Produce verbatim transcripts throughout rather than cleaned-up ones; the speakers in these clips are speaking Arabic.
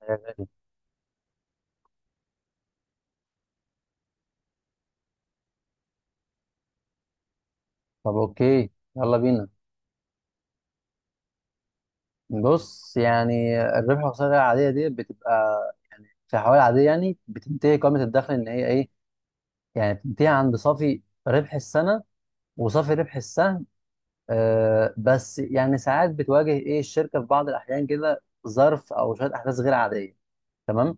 شغال. طب، اوكي. يلا بينا. بص، يعني الربح والخسارة العادية دي بتبقى في حوالي عادية، يعني بتنتهي قائمة الدخل ان هي ايه، يعني بتنتهي عند صافي ربح السنة وصافي ربح السهم. آه بس يعني ساعات بتواجه ايه الشركة في بعض الأحيان كده ظرف أو شوية أحداث غير عادية. تمام.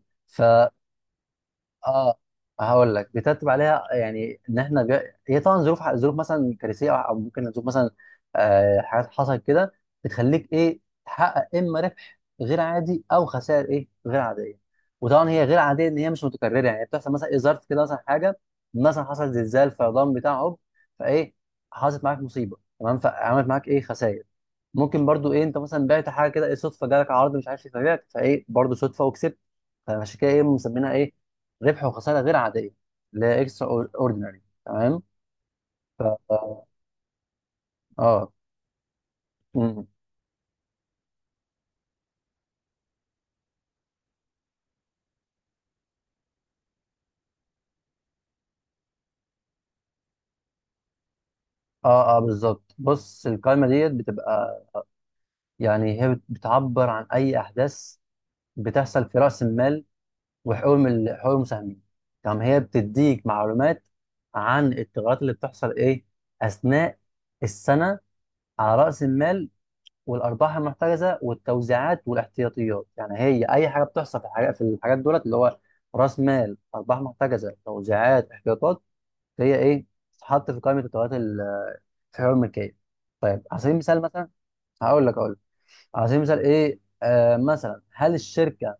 اه، هقول لك بيترتب عليها يعني ان احنا بي... هي طبعا ظروف ظروف مثلا كارثيه او أو ممكن ظروف مثلا آه حاجات حصلت كده بتخليك ايه تحقق اما ربح غير عادي او خسائر ايه غير عاديه. وطبعا هي غير عاديه ان هي مش متكرره، يعني بتحصل مثلا ايه ظرف كده مثلا حاجه، مثلا حصل زلزال فيضان بتاع عب فايه حصلت معاك مصيبه. تمام. فعملت معاك ايه خسائر. ممكن برضو ايه انت مثلا بعت حاجه كده ايه صدفه، جالك عرض مش عارف ايه فبعت فايه برضو صدفه وكسبت. فعشان كده ايه مسمينها ايه ربح وخساره غير عاديه، اللي هي اكسترا اوردينري. تمام. ف اه، اه. مم. اه، آه، بالظبط. بص القائمه ديت بتبقى، يعني هي بت- بتعبر عن اي احداث بتحصل في راس المال وحقوق ال- حقوق المساهمين. تمام، هي بتديك معلومات عن التغيرات اللي بتحصل ايه اثناء السنه على راس المال والارباح المحترزه والتوزيعات والاحتياطيات، يعني هي اي حاجه بتحصل في الحاجات في الحاجات دولت، اللي هو راس مال، ارباح محترزه، توزيعات، احتياطات، هي ايه تتحط في قائمه التوزيعات ال- في الحقوق الملكيه. طيب على سبيل المثال مثلا، هقول لك اقول لك على سبيل المثال ايه، آه مثلا هل الشركه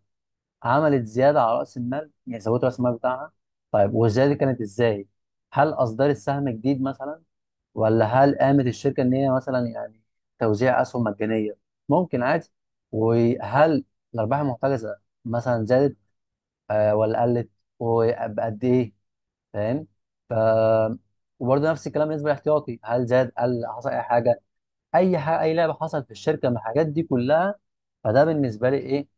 عملت زياده على راس المال، يعني زودت راس المال بتاعها؟ طيب والزياده دي كانت ازاي؟ هل اصدرت سهم جديد مثلا؟ ولا هل قامت الشركة إن هي مثلا يعني توزيع أسهم مجانية؟ ممكن عادي. وهل الأرباح المحتجزة مثلا زادت آه ولا قلت؟ وبقد إيه؟ فاهم؟ ف وبرضه نفس الكلام بالنسبة للاحتياطي، هل زاد، قل، حصل أي حاجة؟ أي حاجة، أي لعبة حصلت في الشركة من الحاجات دي كلها. فده بالنسبة لي إيه؟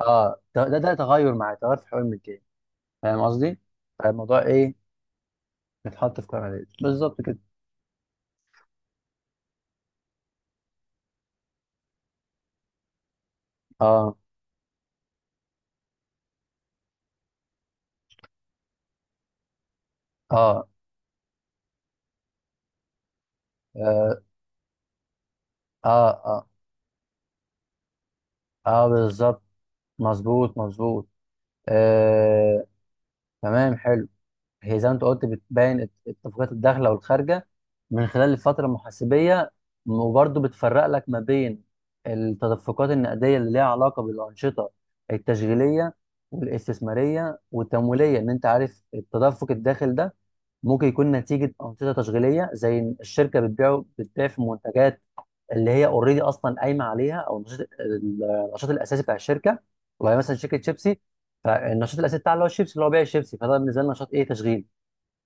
آه ده ده, ده تغير معايا، تغير في حقوق الملكية. فاهم قصدي؟ فالموضوع إيه؟ بيتحط في قائمة بالظبط كده. آه، آه، آه، آه، آه. اه بالظبط. مظبوط، مظبوط. آه. تمام، حلو. هي زي ما انت قلت، بتبين الت- اتفاقيات الداخله والخارجه من خلال الفتره المحاسبيه. وبرضه بتفرق لك ما بين التدفقات النقديه اللي ليها علاقه بالانشطه التشغيليه والاستثماريه والتمويليه. ان انت عارف التدفق الداخل ده ممكن يكون نتيجه انشطه تشغيليه، زي إن الشركه بتبيع بتبيع في منتجات اللي هي اوريدي اصلا قايمه عليها، او النشاط النشاط الاساسي بتاع الشركه. والله مثلا شركه شيبسي، فالنشاط الاساسي بتاعها اللي هو الشيبسي، اللي هو بيع الشيبسي، فده بالنسبه لنا نشاط ايه، تشغيل.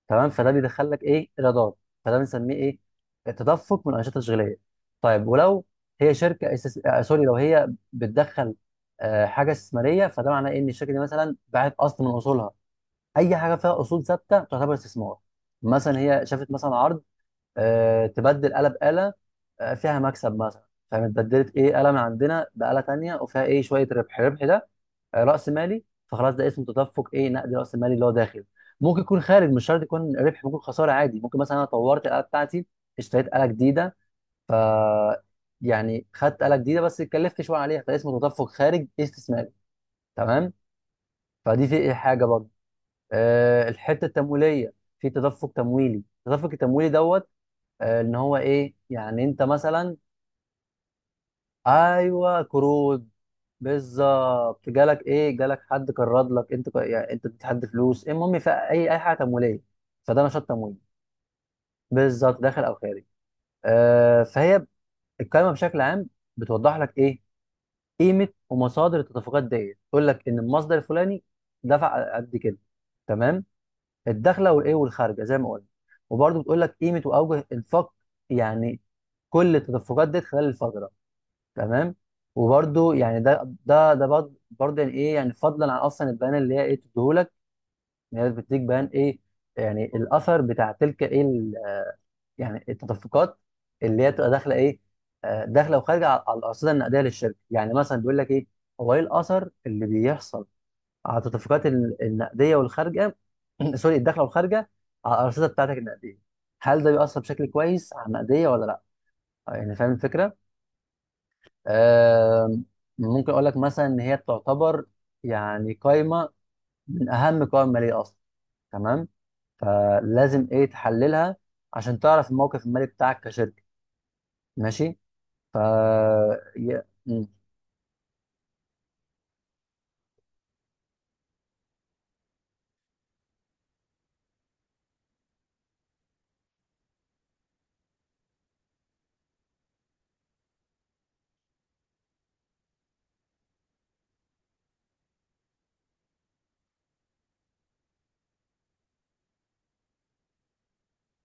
تمام، فده بيدخل لك ايه، ايرادات، فده بنسميه ايه، تدفق من الانشطه التشغيليه. طيب ولو هي شركه أساس... آه سوري، لو هي بتدخل آه حاجه استثماريه، فده معناه إيه ان الشركه دي مثلا باعت اصل من اصولها، اي حاجه فيها اصول ثابته تعتبر استثمار. مثلا هي شافت مثلا عرض، آه، تبدل آلة بآلة آه، فيها مكسب مثلا. فاهم، اتبدلت ايه آلة من عندنا بآلة تانية وفيها ايه شوية ربح، الربح ده آه، رأس مالي، فخلاص ده اسمه تدفق ايه، نقد رأس مالي اللي هو داخل. ممكن يكون خارج، مش شرط يكون ربح، ممكن خسارة عادي، ممكن مثلا انا طورت الآلة بتاعتي، اشتريت آلة جديدة، يعني خدت آلة جديدة بس اتكلفت شوية عليها، فده اسمه تدفق خارج استثماري. تمام. فدي في ايه حاجة برضه، أه الحتة التمويلية. في تدفق تمويلي، التدفق التمويلي دوت آه، ان هو ايه يعني انت مثلا، ايوه قروض. بالظبط، جالك ايه، جالك حد قرض لك، انت ك- يعني انت اديت حد فلوس، المهم في اي اي حاجه تمويليه. فده نشاط تمويلي، بالظبط داخل او خارج. آه فهي الكلمه بشكل عام بتوضح لك ايه، قيمه ومصادر التدفقات ديت، تقول لك ان المصدر الفلاني دفع قد كده. تمام. الدخله والايه والخارجه زي ما قلنا، وبرده بتقول لك قيمه واوجه انفاق، يعني كل التدفقات ديت خلال الفتره. تمام. وبرده يعني ده ده ده برضه برضه يعني ايه، يعني فضلا عن اصلا البيان اللي هي ايه بتديهولك، ان هي بتديك بيان ايه، يعني الاثر بتاع تلك ايه ال- يعني التدفقات اللي هي تبقى داخله ايه، آه، داخله وخارجه على على الارصده النقديه للشركه، يعني مثلا بيقول لك ايه، هو ايه الاثر اللي بيحصل على التدفقات ال- النقديه والخارجه، سوري، الداخله والخارجه على الارصده بتاعتك النقديه. هل ده بيأثر بشكل كويس على النقديه ولا لا؟ يعني فاهم الفكره؟ آم، ممكن اقول لك مثلا ان هي تعتبر يعني قائمه من اهم قوائم الماليه اصلا. تمام، فلازم ايه تحللها عشان تعرف الموقف المالي بتاعك كشركه. ماشي. ف ي- م.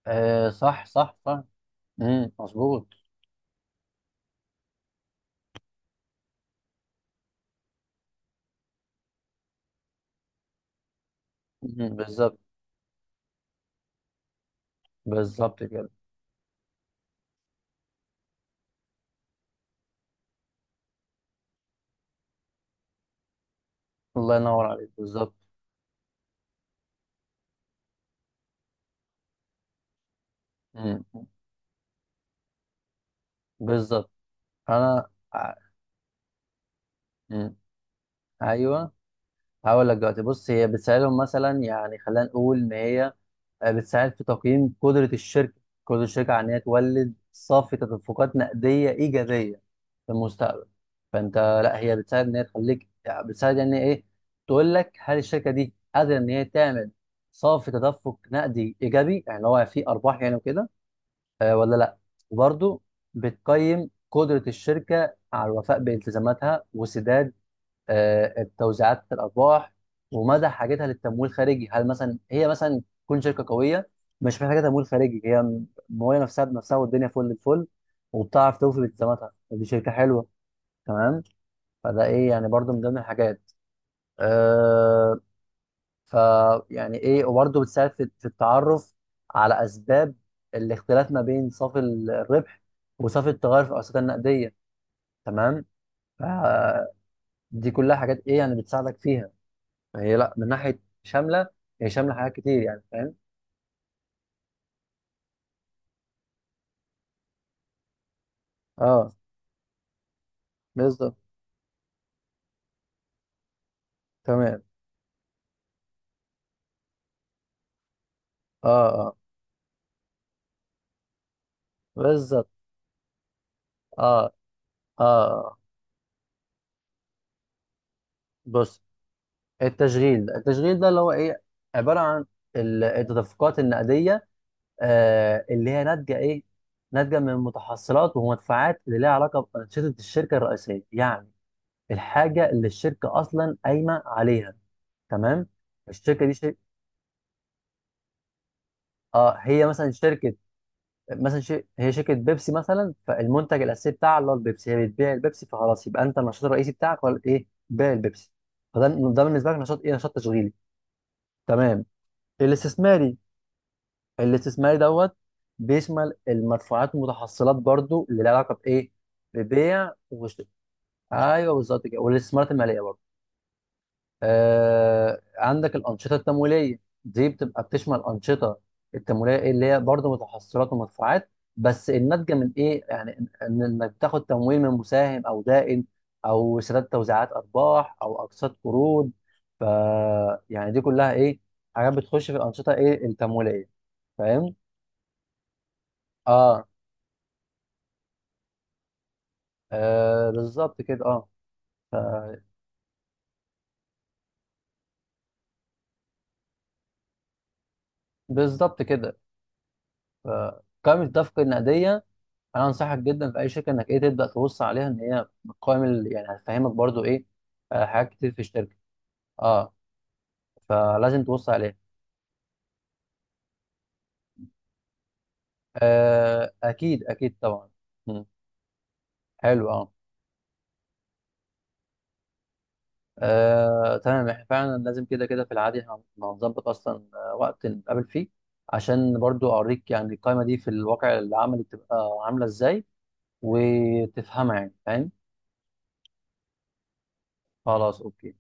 آه صح، صح، صح. امم مظبوط. مم، بالظبط. بالظبط كده. الله ينور عليك، بالظبط. مم، بالظبط. انا ع- مم. ايوه. هقول لك دلوقتي. بص، هي بتساعدهم مثلا، يعني خلينا نقول ان هي آه، بتساعد في تقييم قدرة الشركة قدرة الشركة على إن هي تولد صافي تدفقات نقدية إيجابية في المستقبل. فأنت لا، هي بتساعد إن هي تخليك، يعني بتساعد يعني إيه، تقول لك هل الشركة دي قادرة إن هي تعمل صافي تدفق نقدي إيجابي، يعني هو فيه أرباح يعني وكده آه، ولا لا. وبرضه بتقيم قدرة الشركة على الوفاء بالتزاماتها وسداد آه، التوزيعات، الارباح، ومدى حاجتها للتمويل الخارجي. هل مثلا هي مثلا تكون شركه قويه مش محتاجه تمويل خارجي، هي م- مويه نفسها بنفسها والدنيا فل الفل، وبتعرف توفي بالتزاماتها، دي شركه حلوه. تمام، فده ايه يعني برضو من ضمن الحاجات. أه ف يعني ايه، وبرضو بتساعد في في التعرف على اسباب الاختلاف ما بين صافي الربح وصافي التغير في الأوساط النقديه. تمام. ف- دي كلها حاجات ايه يعني بتساعدك فيها هي، لا من ناحيه شامله، هي شامله حاجات كتير يعني، فاهم. اه بالظبط. تمام. اه، اه بالظبط. اه، اه، آه. بص، التشغيل ده التشغيل ده اللي هو ايه، عباره عن ال- التدفقات النقديه آه اللي هي ناتجه ايه، ناتجه من متحصلات ومدفوعات اللي لها علاقه بانشطه الشركه الرئيسيه، يعني الحاجه اللي الشركه اصلا قايمه عليها. تمام. الشركه دي شركه، اه هي مثلا شركه مثلا شي... هي شركه بيبسي مثلا، فالمنتج الاساسي بتاعها اللي هو البيبسي، هي بتبيع البيبسي، فخلاص يبقى انت النشاط الرئيسي بتاعك ولا ايه، بيع البيبسي، فده ده بالنسبه لك نشاط ايه، نشاط تشغيلي. تمام. الاستثماري، الاستثماري دوت بيشمل المدفوعات والمتحصلات برضو اللي لها علاقه بايه، ببيع وشراء، ايوه بالظبط كده، والاستثمارات الماليه برضو. آه عندك الأنشطة التمويلية، دي بتبقى بتشمل أنشطة التمويلية اللي هي برضه متحصلات ومدفوعات، بس الناتجة من إيه؟ يعني إن إن- إنك تاخد تمويل من مساهم أو دائن، أو سداد توزيعات أرباح أو أقساط قروض. ف يعني دي كلها إيه؟ حاجات بتخش في الأنشطة إيه التمويلية. فاهم؟ آه، آه بالظبط كده، آه. ف- بالظبط كده. فقائمة الدفق النقدية، انا انصحك جدا في اي شركه انك ايه تبدا تبص عليها، ان هي بتقيم ال- يعني هتفهمك برضو ايه آه، حاجات كتير في الشركه. اه فلازم تبص عليها. آه اكيد، اكيد طبعا. مم. حلو، اه. آه، تمام، احنا فعلا لازم كده كده في العادي هن- هنظبط اصلا آه، وقت نتقابل فيه، عشان برضو اوريك يعني القائمه دي في الواقع العملي بتبقى عامله ازاي وتفهمها، يعني فاهم. خلاص اوكي.